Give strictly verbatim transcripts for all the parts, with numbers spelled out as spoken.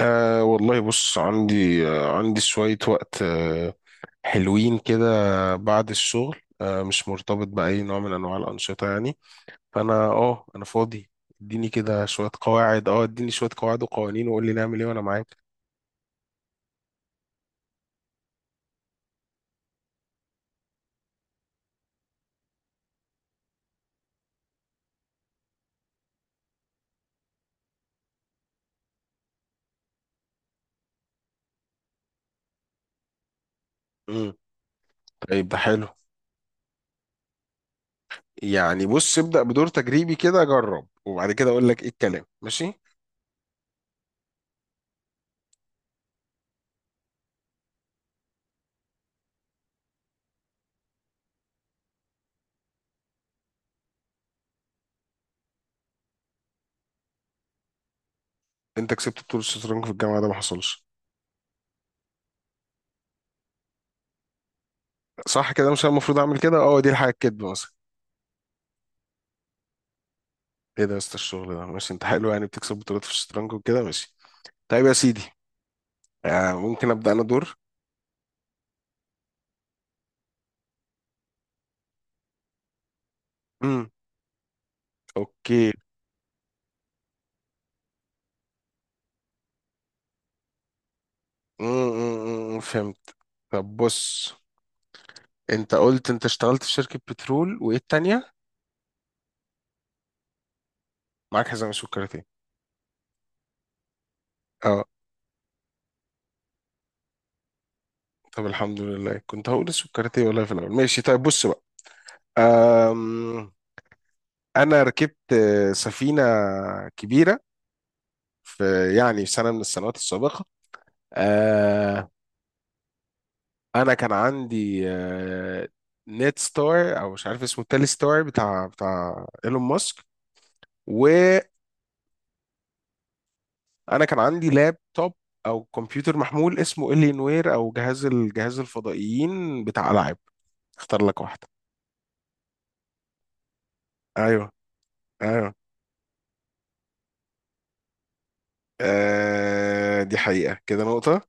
أه والله، بص عندي آه، عندي شوية وقت. أه حلوين كده بعد الشغل. أه مش مرتبط بأي نوع من أنواع الأنشطة يعني. فأنا اه أنا فاضي. اديني كده شوية قواعد اه اديني شوية قواعد وقوانين وقول لي نعمل ايه وأنا معاك. مم. طيب ده حلو. يعني بص ابدأ بدور تجريبي كده، أجرب وبعد كده أقول لك ايه، الكلام ماشي. أنت كسبت بطولة الشطرنج في الجامعة؟ ده ما حصلش. صح، كده مش أنا المفروض أعمل كده. اه دي الحاجة الكدب مثلا. ايه ده يا اسطى، الشغل ده ماشي، انت حلو يعني، بتكسب بطولات في الشطرنج وكده، ماشي. طيب يا سيدي، آه ممكن ابدا انا دور. امم اوكي. امم فهمت. طب بص، انت قلت انت اشتغلت في شركه بترول، وايه التانيه؟ معاك حزام السكرتيه. اه. طب الحمد لله، كنت هقول السكرتيه والله في الاول. ماشي، طيب بص بقى. آم انا ركبت آه، سفينه كبيره في يعني في سنه من السنوات السابقه. آه انا كان عندي آه نت ستار، او مش عارف اسمه، التالي ستار بتاع بتاع ايلون ماسك. و انا كان عندي لابتوب او كمبيوتر محمول اسمه الينوير، او جهاز الجهاز الفضائيين بتاع العاب. اختار لك واحده. ايوه، ايوه. آه دي حقيقه، كده نقطه.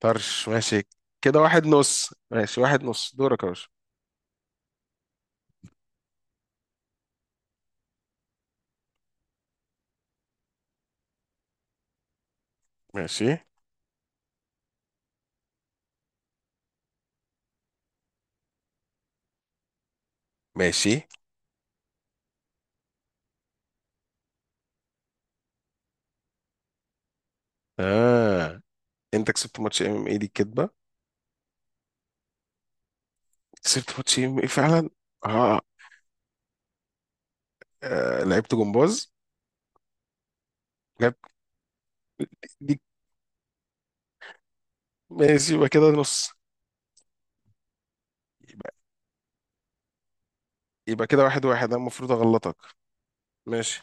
طرش ماشي. كده واحد نص، ماشي، واحد نص، دورك يا باشا. ماشي ماشي. اه. انت كسبت ماتش ام ام اي؟ دي كدبه. كسبت ماتش ام ام اي فعلا؟ اه. آه. لعبت جمباز. لعبت دي ماشي، يبقى كده نص. يبقى يبقى كده واحد واحد، انا المفروض اغلطك. ماشي.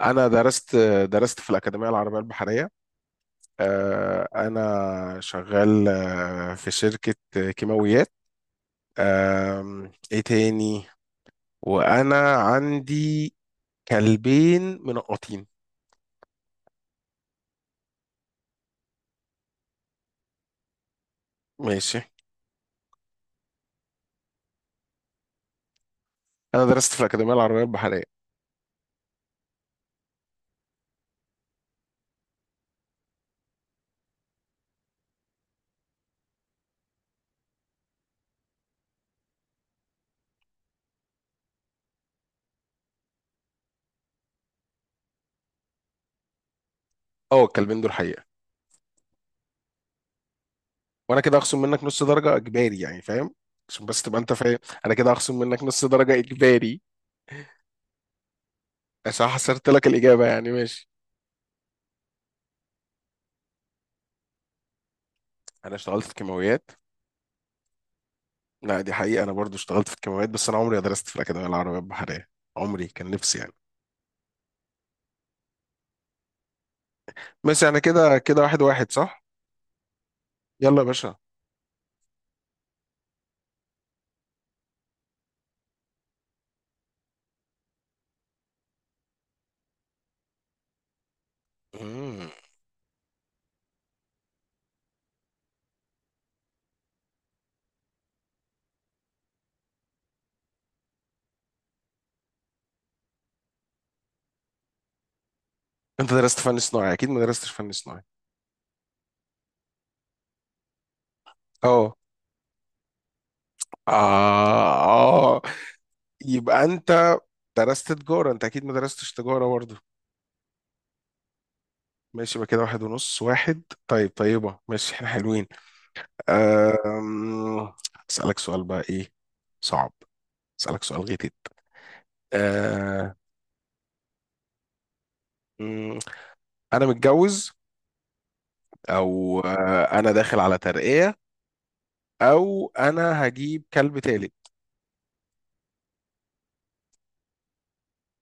انا درست درست في الاكاديميه العربيه البحريه. آه، انا شغال آه، في شركه آه، كيماويات. آم، ايه تاني؟ وانا عندي كلبين منقطين. ماشي. انا درست في الاكاديميه العربيه البحريه. اه الكلبين دول حقيقه. وانا كده هخصم منك نص درجه اجباري، يعني فاهم؟ عشان بس تبقى انت فاهم، انا كده هخصم منك نص درجه اجباري، عشان حصرت لك الاجابه يعني. ماشي. انا اشتغلت في كيماويات. لا دي حقيقة، أنا برضو اشتغلت في الكمامات، بس أنا عمري ما درست في الأكاديمية العربية البحرية. عمري كان نفسي يعني. بس يعني كده كده، واحد واحد صح؟ يلا يا باشا. مم. أنت درست فن صناعي؟ أكيد ما درستش فن صناعي. أه. آه. آه، يبقى أنت درست تجارة؟ أنت أكيد ما درستش تجارة برضو. ماشي، يبقى كده واحد ونص، واحد. طيب طيبة، ماشي، احنا حلوين. أم... أسألك سؤال بقى، إيه؟ صعب. أسألك سؤال غيتت. أه... مم، أنا متجوز، او آه، انا داخل على ترقية، او انا هجيب كلب تالت.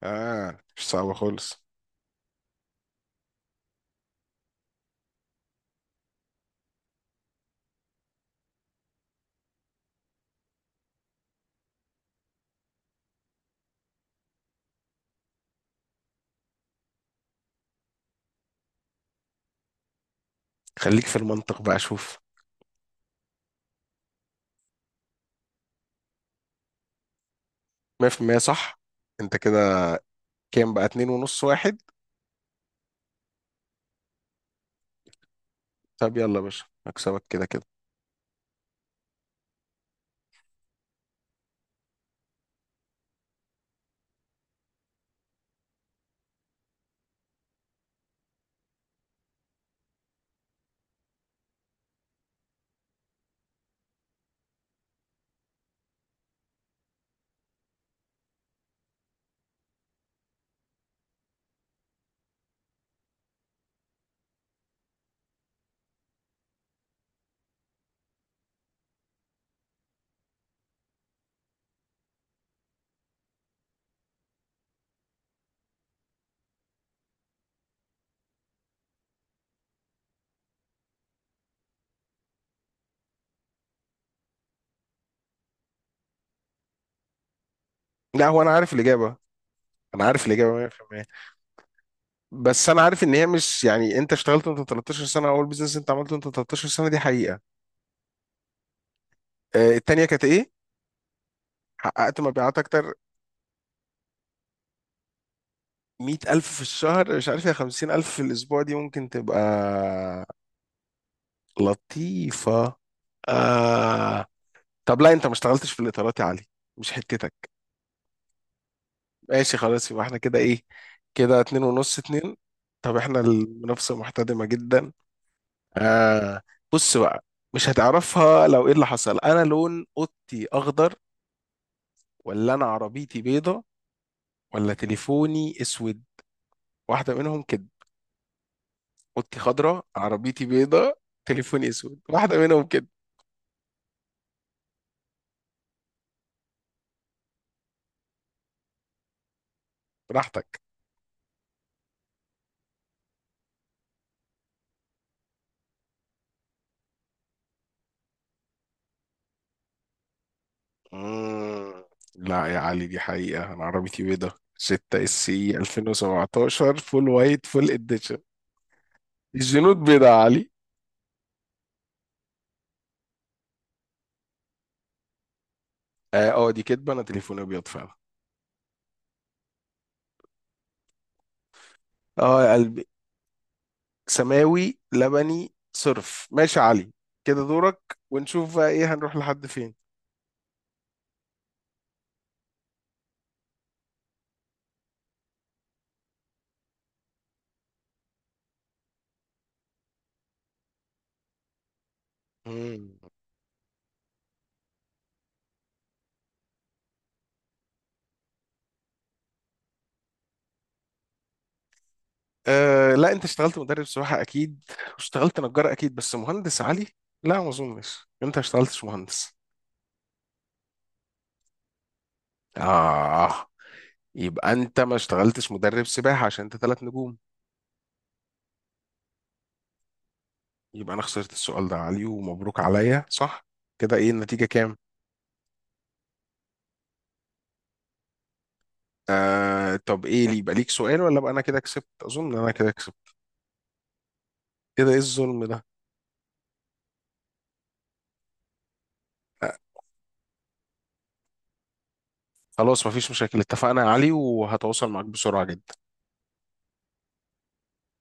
اه، مش صعبة خالص. خليك في المنطق بقى شوف. مية في المية صح. انت كده كام بقى؟ اتنين ونص، واحد. طب يلا يا باشا، هكسبك كده كده. لا هو انا عارف الاجابة، انا عارف الاجابة مية في المية. بس انا عارف ان هي مش يعني، انت اشتغلت وانت تلتاشر سنة، اول بيزنس انت عملته وانت تلتاشر سنة، دي حقيقة. آه، التانية كانت ايه، حققت مبيعات اكتر مية ألف في الشهر؟ مش عارف، يا خمسين ألف في الاسبوع دي ممكن تبقى لطيفة. آه. طب لا انت ما اشتغلتش في الاطارات يا علي، مش حتتك. ماشي خلاص، يبقى احنا كده ايه؟ كده اتنين ونص، اتنين. طب احنا المنافسة محتدمة جدا. آه. بص بقى، مش هتعرفها. لو ايه اللي حصل، انا لون اوضتي اخضر، ولا انا عربيتي بيضة، ولا تليفوني اسود؟ واحدة منهم كده. اوضتي خضراء، عربيتي بيضة، تليفوني اسود، واحدة منهم كده. براحتك. مم. لا يا علي دي حقيقة، أنا عربيتي بيضة. ستة اس سي ألفين وسبعتاشر، فول وايت، فول اديشن. الجنود بيضة يا علي. اه. آه، دي كدبة، أنا تليفوني أبيض فعلا. اه يا قلبي. سماوي لبني صرف. ماشي يا علي، كده دورك، ونشوف بقى إيه، هنروح لحد فين. مم. آه لا أنت اشتغلت مدرب سباحة أكيد، واشتغلت نجار أكيد، بس مهندس يا علي، لا ما أظنش، أنت ما اشتغلتش مهندس. آه. يبقى انت ما اشتغلتش مدرب سباحة، عشان انت ثلاث نجوم. يبقى انا خسرت السؤال ده يا علي، ومبروك عليا صح. كده ايه النتيجة، كام؟ آه طب ايه، اللي يبقى ليك سؤال، ولا بقى انا كده كسبت؟ اظن انا كده كسبت. كده ايه الظلم ده؟ آه خلاص مفيش مشاكل، اتفقنا يا علي، وهتواصل معاك بسرعة جدا.